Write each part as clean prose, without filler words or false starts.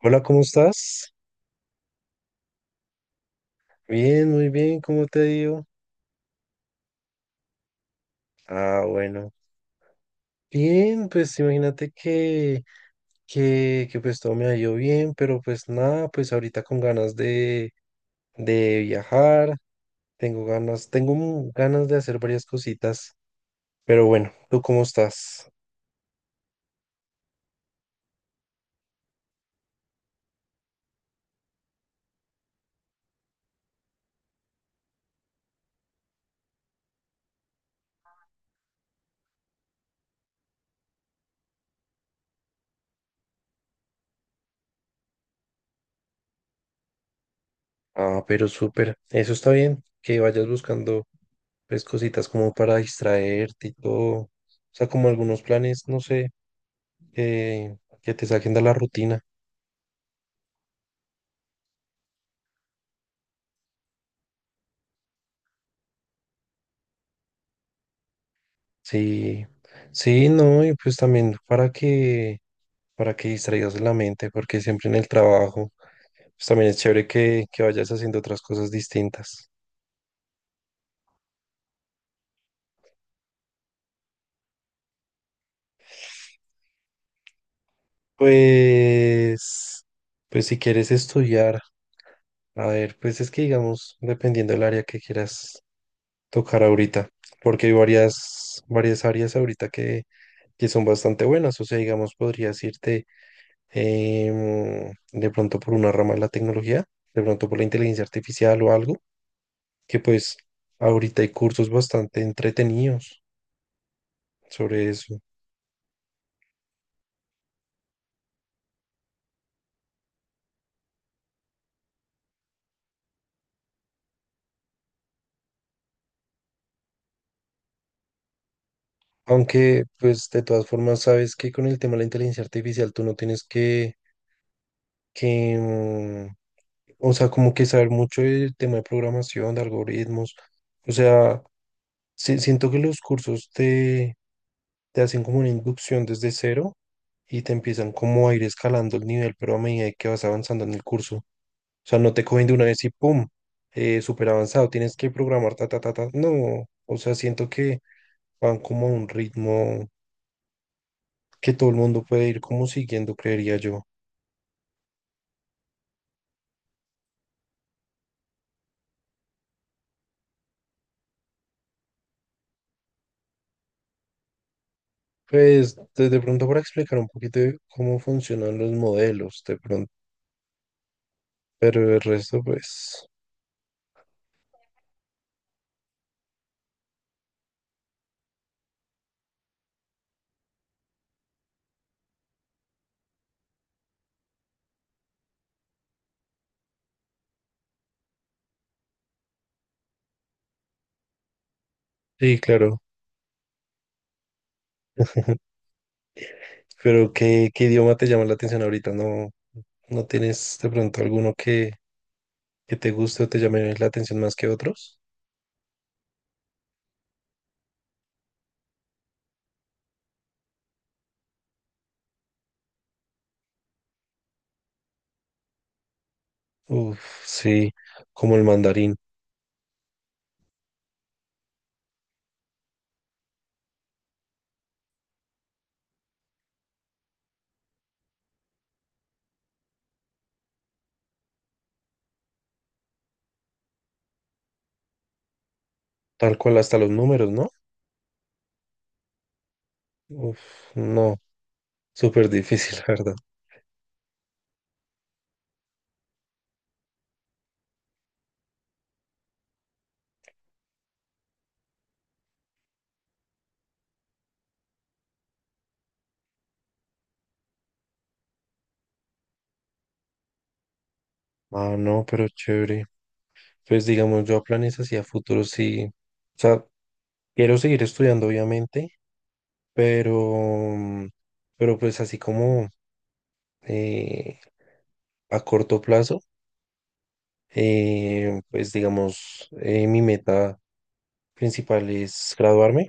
Hola, ¿cómo estás? Bien, muy bien, ¿cómo te digo? Ah, bueno. Bien, pues imagínate que pues todo me ha ido bien, pero pues nada, pues ahorita con ganas de viajar, tengo ganas, tengo ganas de hacer varias cositas, pero bueno, ¿tú cómo estás? Ah, pero súper, eso está bien, que vayas buscando pues cositas como para distraerte y todo, o sea, como algunos planes, no sé, que, que te saquen de la rutina. Sí, sí, no, y pues también para para que distraigas la mente, porque siempre en el trabajo, pues también es chévere que vayas haciendo otras cosas distintas. Pues, pues si quieres estudiar, a ver, pues es que digamos, dependiendo del área que quieras tocar ahorita, porque hay varias áreas ahorita que son bastante buenas, o sea, digamos, podrías irte de pronto por una rama de la tecnología, de pronto por la inteligencia artificial o algo que pues ahorita hay cursos bastante entretenidos sobre eso. Aunque pues de todas formas sabes que con el tema de la inteligencia artificial tú no tienes que o sea, como que saber mucho del tema de programación, de algoritmos. O sea, siento que los cursos te hacen como una inducción desde cero y te empiezan como a ir escalando el nivel, pero a medida que vas avanzando en el curso. O sea, no te cogen de una vez y pum, súper avanzado, tienes que programar, ta, ta, ta, ta. No, o sea, siento que van como a un ritmo que todo el mundo puede ir como siguiendo, creería yo. Pues de pronto para explicar un poquito de cómo funcionan los modelos, de pronto, pero el resto, pues, sí, claro. Pero ¿ qué idioma te llama la atención ahorita? ¿No, no tienes de pronto alguno que te guste o te llame la atención más que otros? Uf, sí, como el mandarín. Tal cual hasta los números, ¿no? Uf, no, súper difícil, la verdad. Ah, no, pero chévere. Pues digamos, yo planes hacia futuro sí. O sea, quiero seguir estudiando, obviamente, pero, mm, pero pues así como eh, a corto plazo, mi meta principal es graduarme.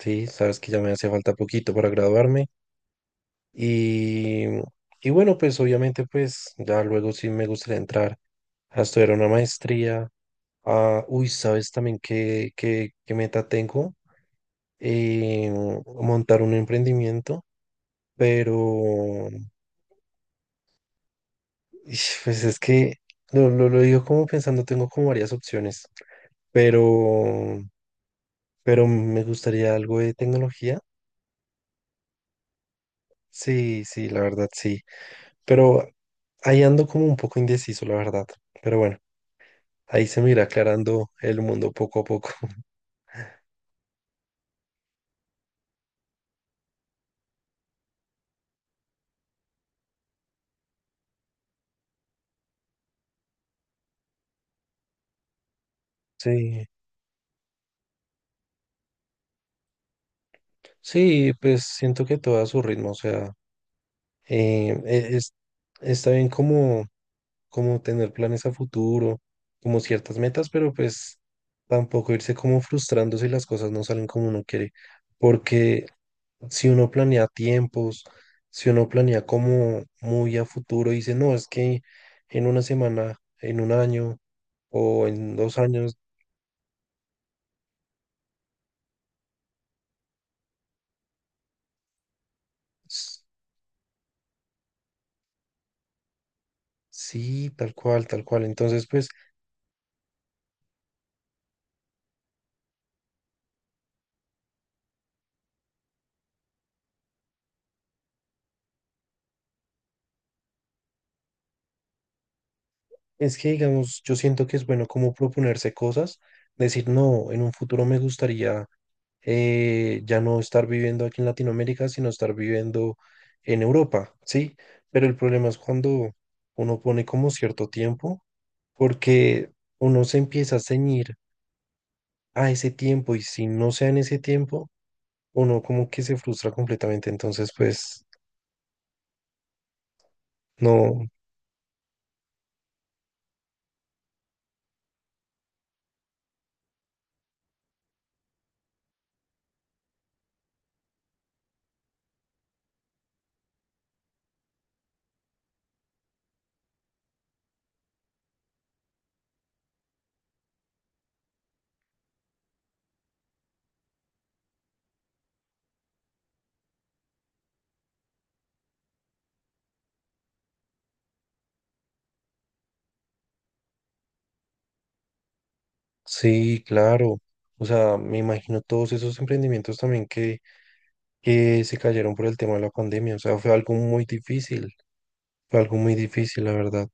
Sí, sabes que ya me hace falta poquito para graduarme. Y, y bueno, pues obviamente pues ya luego sí me gustaría entrar a estudiar una maestría. Ah, uy, ¿sabes también qué meta tengo? Eh, Montar un emprendimiento, pero ish, pues es que lo digo como pensando, tengo como varias opciones, pero, pero me gustaría algo de tecnología. Sí, sí, la verdad sí, pero ahí ando como un poco indeciso, la verdad, pero bueno. Ahí se me irá aclarando el mundo poco a poco. Sí, sí, pues siento que todo a su ritmo, o sea, es, está bien como, como tener planes a futuro, como ciertas metas, pero pues tampoco irse como frustrando si las cosas no salen como uno quiere, porque si uno planea tiempos, si uno planea como muy a futuro, y dice, no, es que en una semana, en un año o en dos años. Sí, tal cual, tal cual. Entonces, pues es que, digamos, yo siento que es bueno como proponerse cosas, decir, no, en un futuro me gustaría ya no estar viviendo aquí en Latinoamérica, sino estar viviendo en Europa, ¿sí? Pero el problema es cuando uno pone como cierto tiempo, porque uno se empieza a ceñir a ese tiempo y si no sea en ese tiempo, uno como que se frustra completamente. Entonces, pues, no. Sí, claro. O sea, me imagino todos esos emprendimientos también que se cayeron por el tema de la pandemia. O sea, fue algo muy difícil. Fue algo muy difícil, la verdad.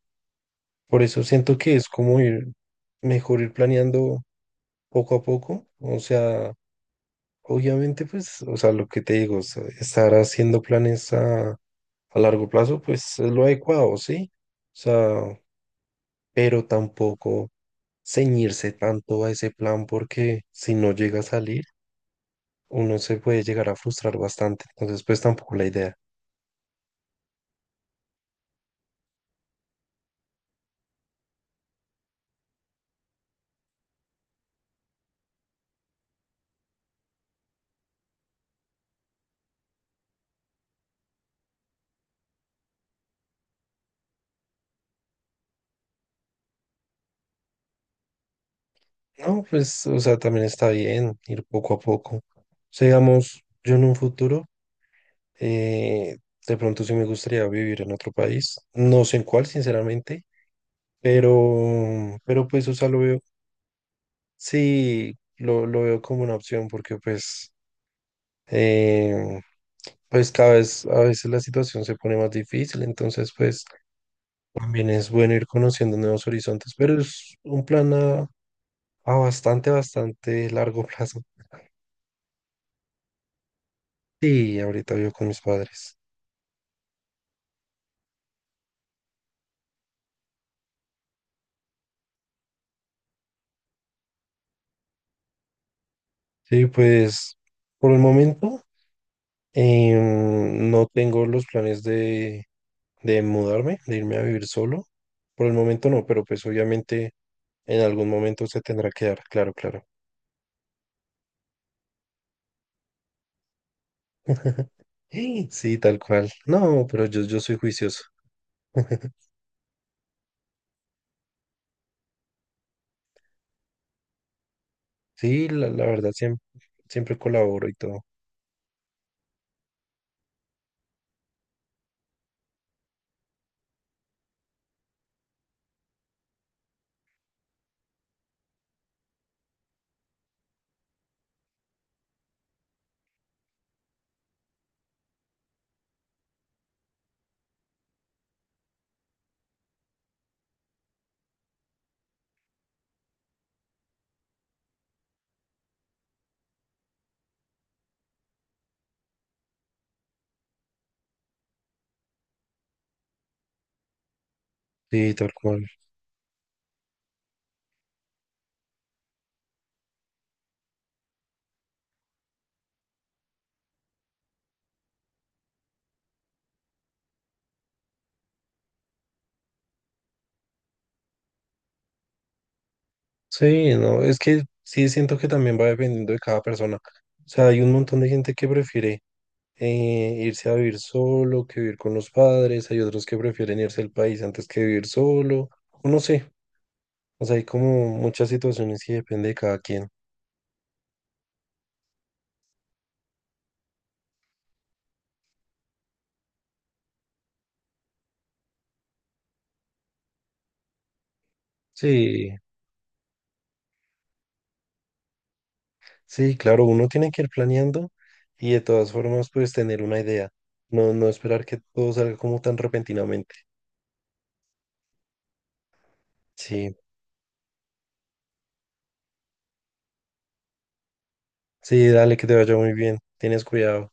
Por eso siento que es como ir, mejor ir planeando poco a poco. O sea, obviamente, pues, o sea, lo que te digo, o sea, estar haciendo planes a largo plazo, pues es lo adecuado, ¿sí? O sea, pero tampoco ceñirse tanto a ese plan porque si no llega a salir. Uno se puede llegar a frustrar bastante. Entonces, pues tampoco la idea. No, pues, o sea, también está bien ir poco a poco. O sea, digamos, yo en un futuro, eh, de pronto sí me gustaría vivir en otro país. No sé en cuál, sinceramente, pero pues, o sea, lo veo, sí, lo veo como una opción porque, pues, eh, pues cada vez, a veces la situación se pone más difícil, entonces pues también es bueno ir conociendo nuevos horizontes, pero es un plan a bastante, bastante largo plazo. Sí, ahorita vivo con mis padres. Sí, pues por el momento no tengo los planes de mudarme, de irme a vivir solo. Por el momento no, pero pues obviamente en algún momento se tendrá que dar, claro, claro. Sí, tal cual. No, pero yo soy juicioso. Sí, la verdad, siempre, siempre colaboro y todo. Sí, tal cual. Sí, no, es que sí siento que también va dependiendo de cada persona. O sea, hay un montón de gente que prefiere irse a vivir solo que vivir con los padres, hay otros que prefieren irse al país antes que vivir solo, o no sé, o sea, hay como muchas situaciones que depende de cada quien. Sí, sí, claro, uno tiene que ir planeando y de todas formas pues tener una idea, no, no esperar que todo salga como tan repentinamente. Sí, sí, dale que te vaya muy bien, tienes cuidado.